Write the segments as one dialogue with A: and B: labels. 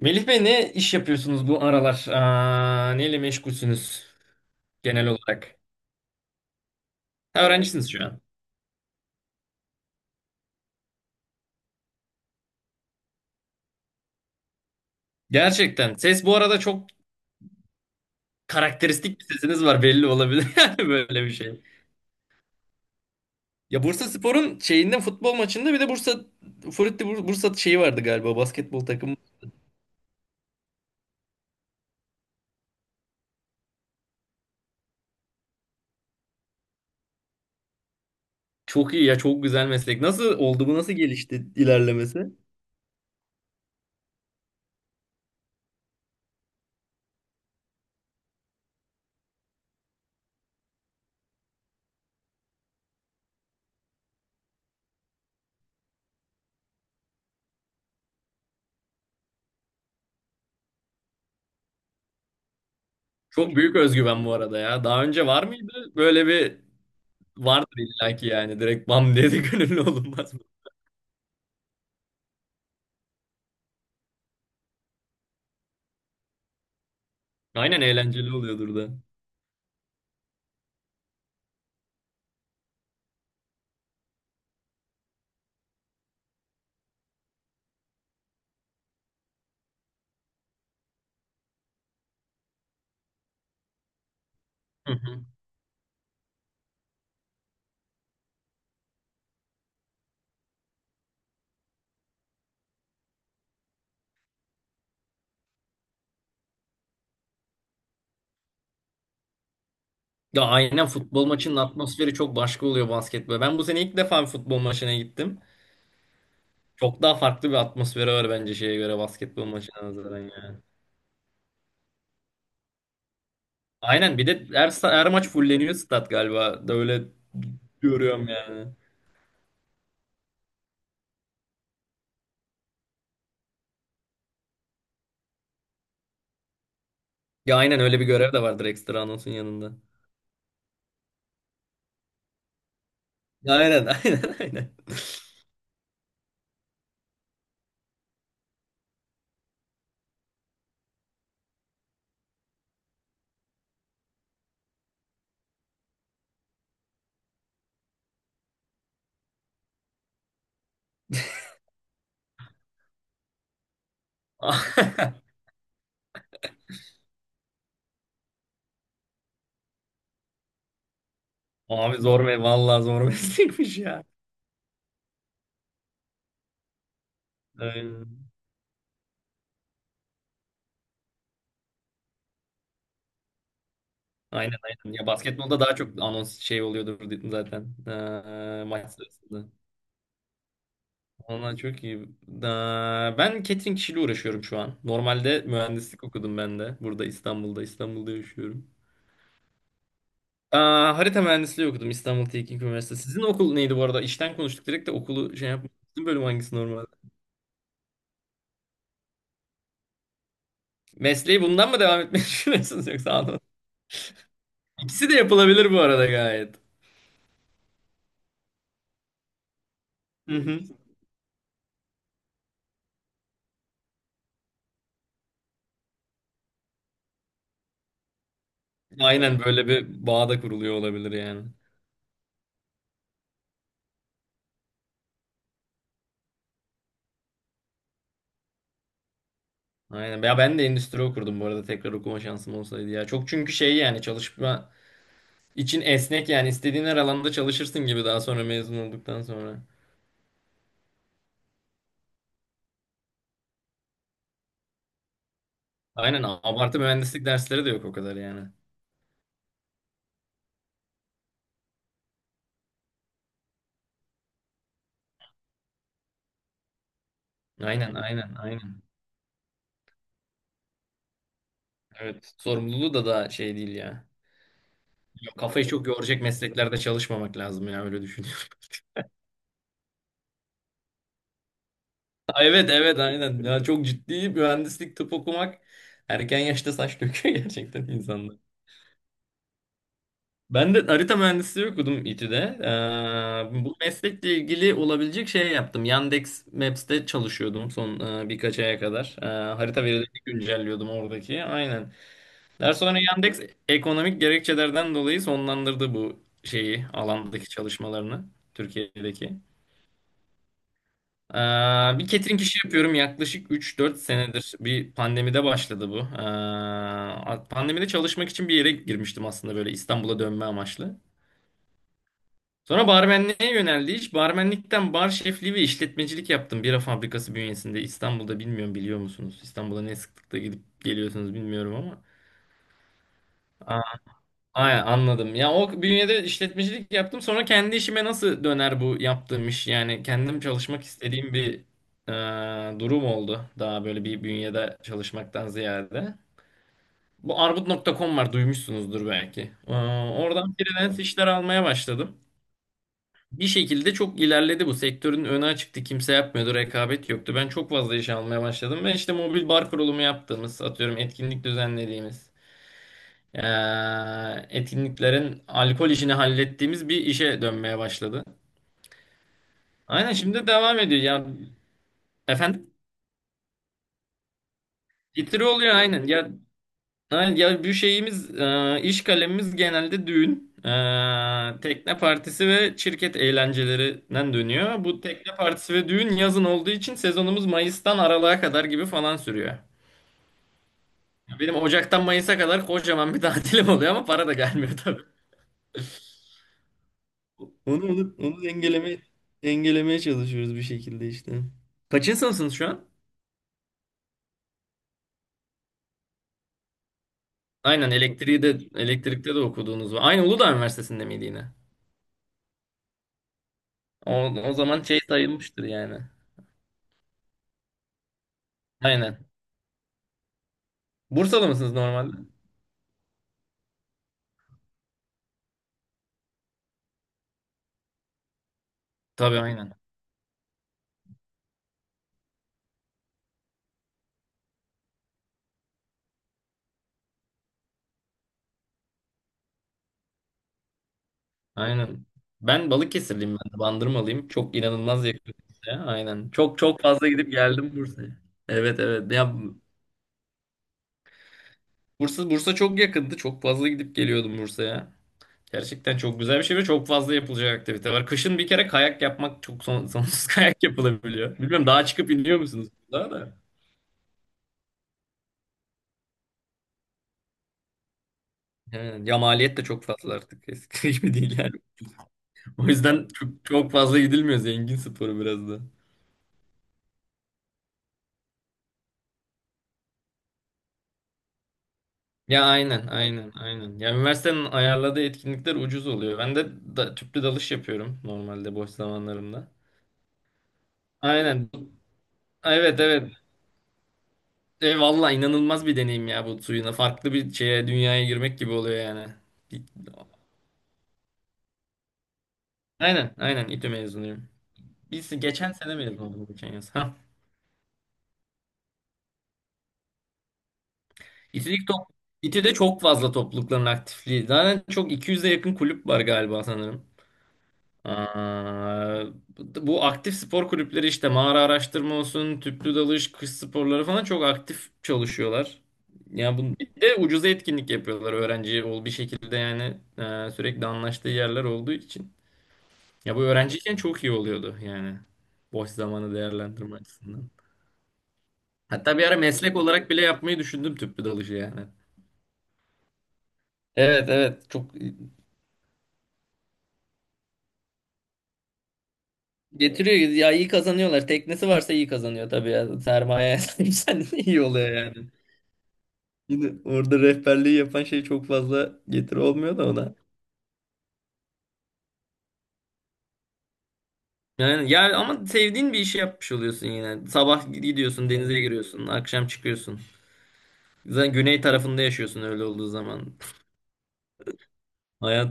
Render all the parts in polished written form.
A: Melih Bey ne iş yapıyorsunuz bu aralar? Neyle meşgulsünüz genel olarak? Ha, öğrencisiniz şu an. Gerçekten. Ses bu arada çok karakteristik bir sesiniz var belli olabilir, yani böyle bir şey. Ya Bursa Spor'un şeyinde futbol maçında bir de Bursa Bursa şeyi vardı galiba, basketbol takımı. Çok iyi ya, çok güzel meslek. Nasıl oldu bu, nasıl gelişti ilerlemesi? Çok büyük özgüven bu arada ya. Daha önce var mıydı böyle bir? Vardır illaki yani, direkt bam dedi de gönüllü olunmaz mı? Aynen, eğlenceli oluyordur da. Hı hı. Ya aynen, futbol maçının atmosferi çok başka oluyor, basketbol. Ben bu sene ilk defa bir futbol maçına gittim. Çok daha farklı bir atmosferi var bence, şeye göre, basketbol maçına nazaran yani. Aynen, bir de her, her maç fulleniyor stat galiba. Da öyle görüyorum yani. Ya aynen, öyle bir görev de vardır ekstra, anonsun yanında. Ya aynen, aynen aynen. Abi zor me vallahi zor meslekmiş ya. Aynen. Aynen aynen. Ya basketbolda daha çok anons şey oluyordur zaten, maç sırasında. Vallahi çok iyi. Ben catering işiyle uğraşıyorum şu an. Normalde mühendislik okudum ben de. Burada İstanbul'da yaşıyorum. Harita mühendisliği okudum, İstanbul Teknik Üniversitesi. Sizin okul neydi bu arada? İşten konuştuk direkt de okulu şey yapmadık. Sizin bölüm hangisi normalde? Mesleği bundan mı devam etmeyi düşünüyorsunuz, yoksa anlamadım. İkisi de yapılabilir bu arada gayet. Hı hı. Aynen, böyle bir bağ da kuruluyor olabilir yani. Aynen. Ya ben de endüstri okurdum bu arada, tekrar okuma şansım olsaydı ya. Çok çünkü şey yani, çalışma İçin esnek yani, istediğin her alanda çalışırsın gibi daha sonra mezun olduktan sonra. Aynen, abartı mühendislik dersleri de yok o kadar yani. Aynen aynen aynen. Evet. Sorumluluğu da daha şey değil ya. Ya kafayı çok yoracak mesleklerde çalışmamak lazım ya, öyle düşünüyorum. Evet evet aynen. Ya çok ciddi mühendislik, tıp okumak erken yaşta saç döküyor gerçekten insan. Ben de harita mühendisliği okudum İTÜ'de. Bu meslekle ilgili olabilecek şey yaptım. Yandex Maps'te çalışıyordum son birkaç aya kadar. Harita verilerini güncelliyordum oradaki. Aynen. Daha sonra Yandex ekonomik gerekçelerden dolayı sonlandırdı bu şeyi, alandaki çalışmalarını Türkiye'deki. Ee, bir catering işi yapıyorum yaklaşık 3-4 senedir. Bir pandemide başladı bu. Pandemide çalışmak için bir yere girmiştim aslında, böyle İstanbul'a dönme amaçlı. Sonra barmenliğe yöneldi iş. Barmenlikten bar şefliği ve işletmecilik yaptım. Bira fabrikası bünyesinde, İstanbul'da, bilmiyorum biliyor musunuz? İstanbul'a ne sıklıkla gidip geliyorsunuz bilmiyorum ama. Aa, aynen anladım. Ya o bünyede işletmecilik yaptım. Sonra kendi işime nasıl döner bu yaptığım iş? Yani kendim çalışmak istediğim bir durum oldu. Daha böyle bir bünyede çalışmaktan ziyade. Bu Arbut.com var, duymuşsunuzdur belki. Oradan freelance işler almaya başladım. Bir şekilde çok ilerledi bu. Sektörün önü açıktı. Kimse yapmıyordu. Rekabet yoktu. Ben çok fazla iş almaya başladım. Ben işte mobil bar kurulumu yaptığımız, atıyorum, etkinlik düzenlediğimiz, etkinliklerin alkol işini hallettiğimiz bir işe dönmeye başladı. Aynen, şimdi devam ediyor. Ya efendim? Getiri oluyor, aynen. Ya bir şeyimiz, iş kalemimiz genelde düğün, tekne partisi ve şirket eğlencelerinden dönüyor. Bu tekne partisi ve düğün yazın olduğu için sezonumuz Mayıs'tan Aralık'a kadar gibi falan sürüyor. Benim Ocak'tan Mayıs'a kadar kocaman bir tatilim oluyor ama para da gelmiyor tabii. Onu dengelemeye çalışıyoruz bir şekilde işte. Kaçın sınıfsınız şu an? Aynen, elektriği de elektrikte de okuduğunuz var. Aynı Uludağ Üniversitesi'nde miydi yine? O, o zaman şey sayılmıştır yani. Aynen. Bursalı mısınız normalde? Tabii, aynen. Aynen. Ben Balıkesirliyim, ben de Bandırmalıyım. Çok inanılmaz yakın Bursa'ya. Aynen. Çok çok fazla gidip geldim Bursa'ya. Evet evet. Ya Bursa çok yakındı. Çok fazla gidip geliyordum Bursa'ya. Gerçekten çok güzel bir şey ve çok fazla yapılacak aktivite var. Kışın bir kere kayak yapmak sonsuz kayak yapılabiliyor. Bilmiyorum, daha çıkıp iniyor musunuz daha da? Evet, ya maliyet de çok fazla artık. Eskisi gibi değil yani. O yüzden çok, çok fazla gidilmiyor. Zengin sporu biraz da. Ya aynen aynen aynen. Ya üniversitenin ayarladığı etkinlikler ucuz oluyor. Ben de tüplü dalış yapıyorum normalde boş zamanlarımda. Aynen. Evet evet. Valla inanılmaz bir deneyim ya, bu suyuna. Farklı bir şeye, dünyaya girmek gibi oluyor yani. Aynen aynen, İTÜ mezunuyum. Biz geçen sene mezun olduk, geçen yaz. Ha. İTÜ'deki top, İTÜ'de çok fazla toplulukların aktifliği. Zaten çok 200'e yakın kulüp var galiba sanırım. Aa, bu aktif spor kulüpleri işte mağara araştırma olsun, tüplü dalış, kış sporları falan çok aktif çalışıyorlar. Ya bu bir de ucuza etkinlik yapıyorlar, öğrenci ol bir şekilde yani, sürekli anlaştığı yerler olduğu için. Ya bu öğrenciyken çok iyi oluyordu yani, boş zamanı değerlendirme açısından. Hatta bir ara meslek olarak bile yapmayı düşündüm, tüplü dalışı yani. Evet evet, çok getiriyor ya, iyi kazanıyorlar. Teknesi varsa iyi kazanıyor tabii ya. Sermaye sahipsen iyi oluyor yani. Şimdi orada rehberliği yapan şey çok fazla getiri olmuyor da ona. Yani ya, ama sevdiğin bir işi yapmış oluyorsun yine. Sabah gidiyorsun, denize, evet, giriyorsun, akşam çıkıyorsun. Zaten güney tarafında yaşıyorsun öyle olduğu zaman. Hayat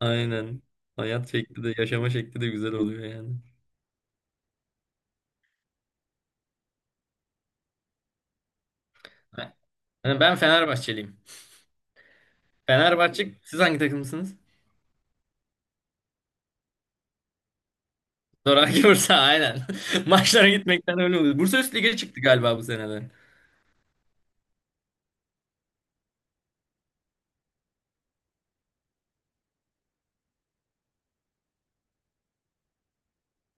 A: aynen. Hayat şekli de yaşama şekli de güzel oluyor yani. Yani ben Fenerbahçeliyim. Fenerbahçe. Siz hangi takımsınız? Zoraki Bursa, aynen. Maçlara gitmekten öyle oluyor. Bursa Üst Lig'e çıktı galiba bu senede.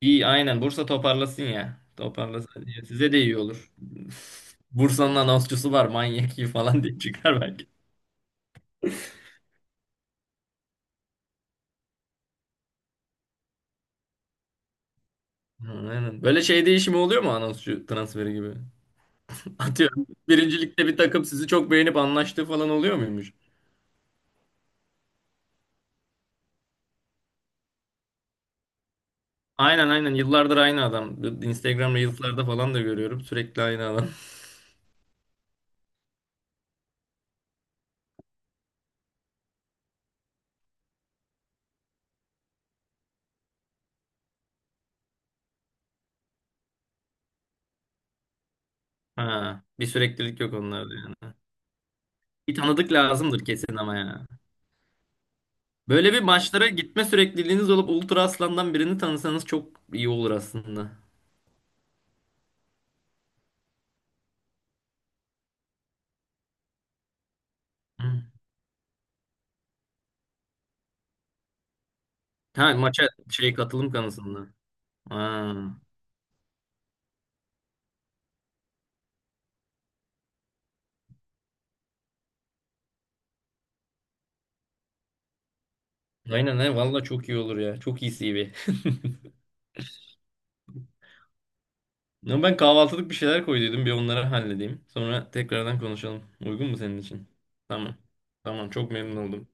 A: İyi, aynen, Bursa toparlasın ya. Toparlasın. Ya size de iyi olur. Bursa'nın anonsçusu var manyak iyi falan diye çıkar belki. Ha, aynen. Böyle şey değişimi oluyor mu, anonsçu transferi gibi? Atıyorum, birincilikte bir takım sizi çok beğenip anlaştığı falan oluyor muymuş? Aynen aynen, yıllardır aynı adam. Instagram Reels'larda falan da görüyorum, sürekli aynı adam. Ha, bir süreklilik yok onlarda yani. Bir tanıdık lazımdır kesin ama ya. Böyle bir maçlara gitme sürekliliğiniz olup Ultra Aslan'dan birini tanısanız çok iyi olur aslında. Hı. Ha, maça şey, katılım kanısında. Ha. Aynen he, valla çok iyi olur ya. Çok iyi CV. Ama ben kahvaltılık bir şeyler koyduydum. Bir onları halledeyim, sonra tekrardan konuşalım. Uygun mu senin için? Tamam. Tamam, çok memnun oldum.